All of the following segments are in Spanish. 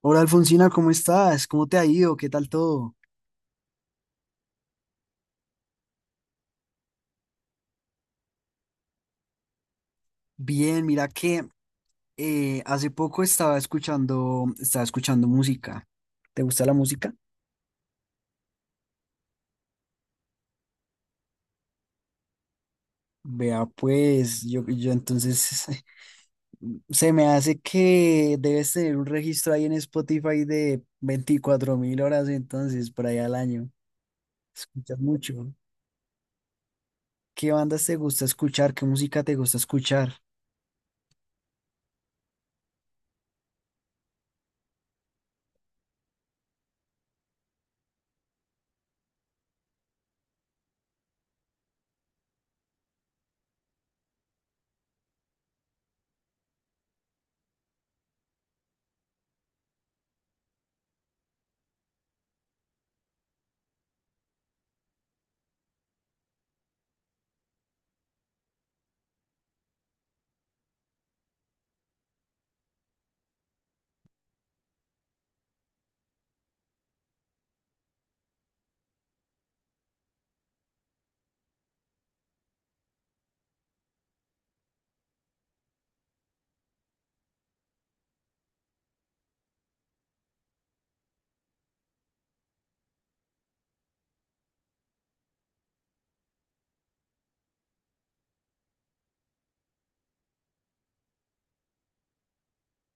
Hola Alfonsina, ¿cómo estás? ¿Cómo te ha ido? ¿Qué tal todo? Bien, mira que hace poco estaba escuchando música. ¿Te gusta la música? Vea, pues yo entonces se me hace que debes tener un registro ahí en Spotify de 24.000 horas entonces por ahí al año. Escuchas mucho. ¿Qué bandas te gusta escuchar? ¿Qué música te gusta escuchar?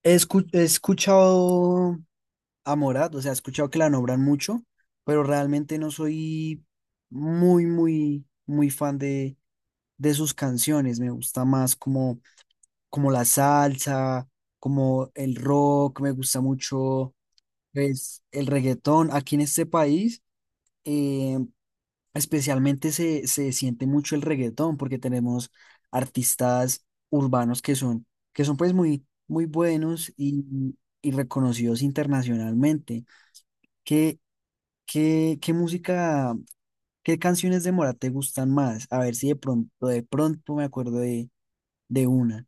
He escuchado a Morat, o sea, he escuchado que la nombran mucho, pero realmente no soy muy, muy, muy fan de sus canciones. Me gusta más como la salsa, como el rock, me gusta mucho pues, el reggaetón. Aquí en este país, eh, especialmente se siente mucho el reggaetón porque tenemos artistas urbanos que son pues muy, muy buenos y reconocidos internacionalmente que ¿qué música, qué canciones de Mora te gustan más? A ver si de pronto me acuerdo de una.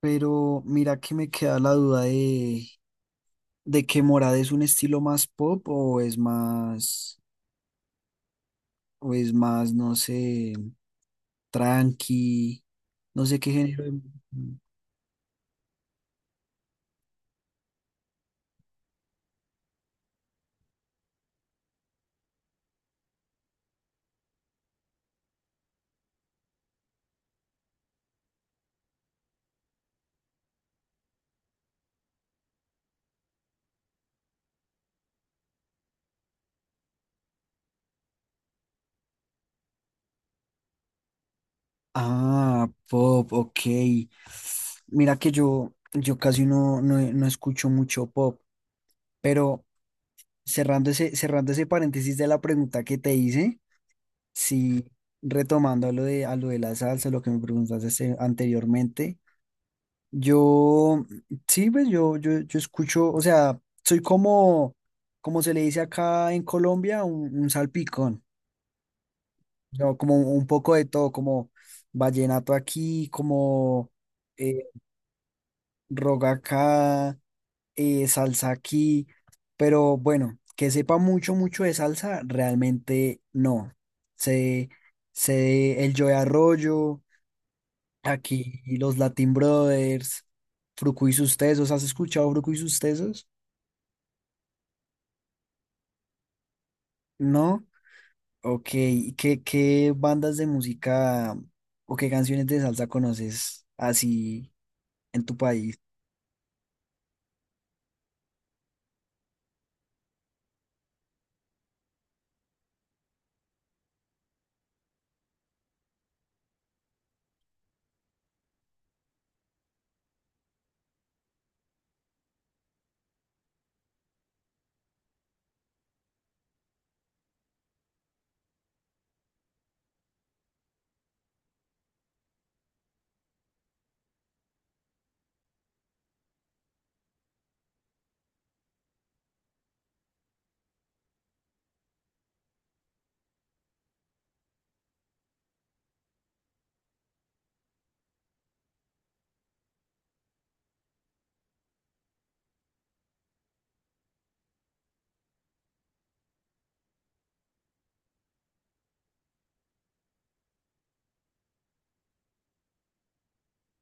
Pero mira que me queda la duda de que Morad es un estilo más pop o es más, no sé, tranqui, no sé qué género. Ah, pop, ok. Mira que yo casi no escucho mucho pop, pero cerrando ese paréntesis de la pregunta que te hice. Sí, retomando a a lo de la salsa, lo que me preguntaste este, anteriormente, yo, sí, pues yo escucho, o sea, soy como, como se le dice acá en Colombia, un salpicón, ¿no? Como un poco de todo, como vallenato aquí, como eh, roga acá, salsa aquí, pero bueno, que sepa mucho, mucho de salsa, realmente no. Sé, Sé el Joe Arroyo. Aquí los Latin Brothers, Fruco y sus Tesos. ¿Has escuchado Fruco y sus Tesos? ¿No? Ok. ¿Y qué bandas de música o qué canciones de salsa conoces así en tu país?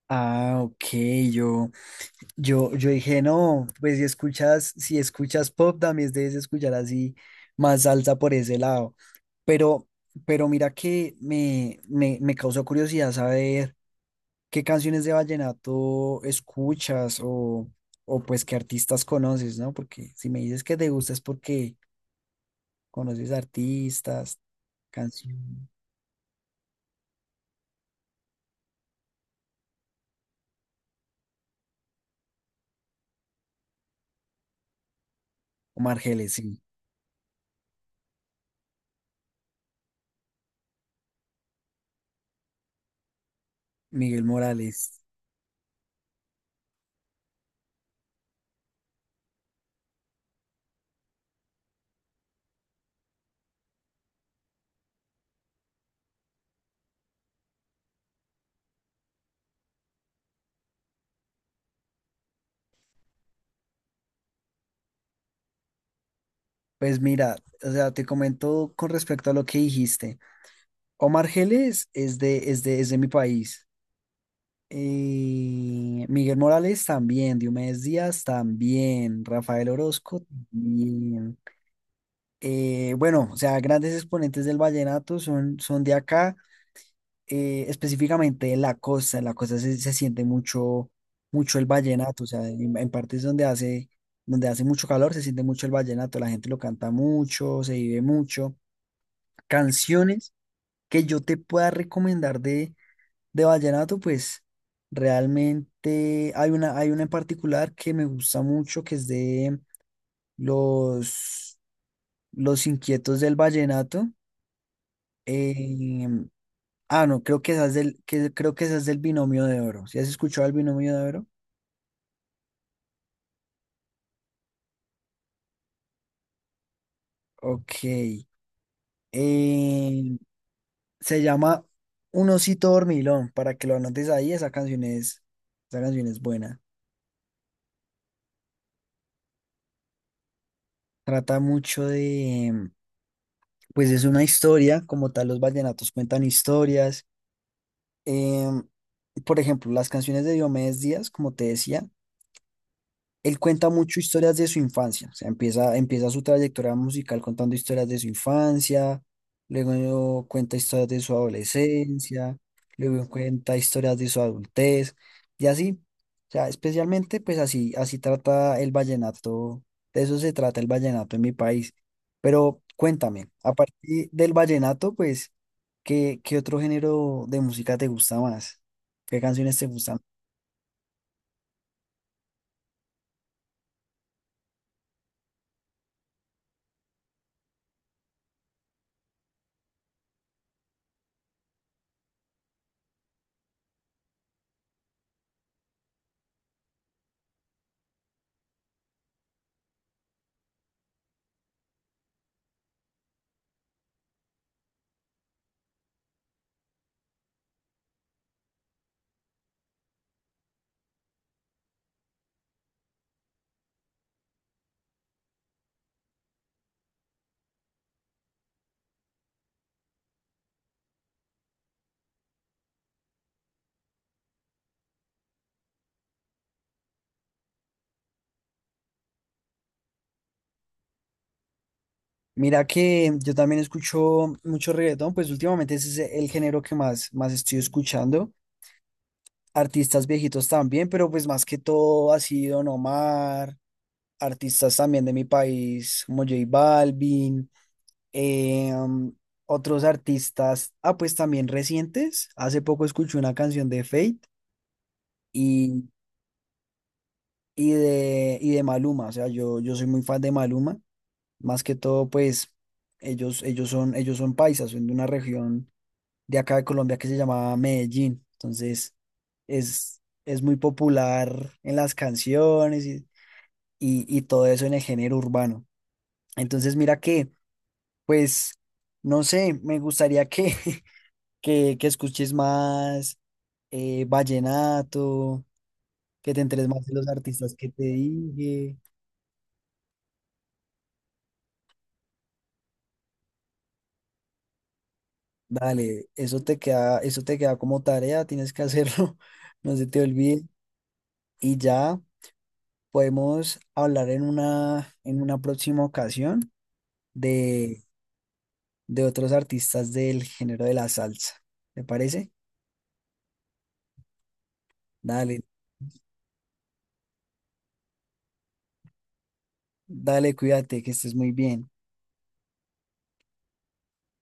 Ah, ok, yo, yo dije, no, pues si escuchas, si escuchas pop, también debes escuchar así más salsa por ese lado. Pero, pero mira que me causó curiosidad saber. ¿Qué canciones de vallenato escuchas o pues qué artistas conoces, ¿no? Porque si me dices que te gusta es porque conoces artistas, canciones. Omar Geles, sí, Miguel Morales. Pues mira, o sea, te comento con respecto a lo que dijiste. Omar Geles es de mi país. Miguel Morales también, Diomedes Díaz también, Rafael Orozco también. Bueno, o sea, grandes exponentes del vallenato son, son de acá, específicamente de la costa. En la costa se siente mucho, mucho el vallenato, o sea, en partes donde donde hace mucho calor se siente mucho el vallenato, la gente lo canta mucho, se vive mucho. Canciones que yo te pueda recomendar de vallenato, pues realmente hay una en particular que me gusta mucho, que es de los, los Inquietos del Vallenato. Eh, no, creo que esa es creo que esa es del binomio de oro. ¿Si has escuchado el binomio de oro? Ok. Eh, Se llama Un osito dormilón, para que lo anotes ahí, esa canción esa canción es buena. Trata mucho de, pues es una historia, como tal los vallenatos cuentan historias. Eh, por ejemplo, las canciones de Diomedes Díaz, como te decía, él cuenta mucho historias de su infancia, o sea, empieza su trayectoria musical contando historias de su infancia, luego cuenta historias de su adolescencia, luego cuenta historias de su adultez, y así, o sea, especialmente pues así, así trata el vallenato, de eso se trata el vallenato en mi país. Pero cuéntame, a partir del vallenato, pues, ¿qué otro género de música te gusta más? ¿Qué canciones te gustan? Mira que yo también escucho mucho reggaetón, pues últimamente ese es el género que más, más estoy escuchando. Artistas viejitos también, pero pues más que todo ha sido Don Omar, artistas también de mi país como J Balvin, eh, um, otros artistas, ah, pues también recientes. Hace poco escuché una canción de Fate y, y de Maluma, o sea, yo soy muy fan de Maluma, más que todo pues ellos son paisas, son de una región de acá de Colombia que se llamaba Medellín. Entonces es muy popular en las canciones y todo eso en el género urbano. Entonces mira que, pues, no sé, me gustaría que, que escuches más vallenato, que te enteres más de los artistas que te dije. Dale, eso te queda como tarea, tienes que hacerlo, no se te olvide. Y ya. Podemos hablar en una próxima ocasión de, de otros artistas del género de la salsa. ¿Te parece? Dale, dale, cuídate, que estés muy bien.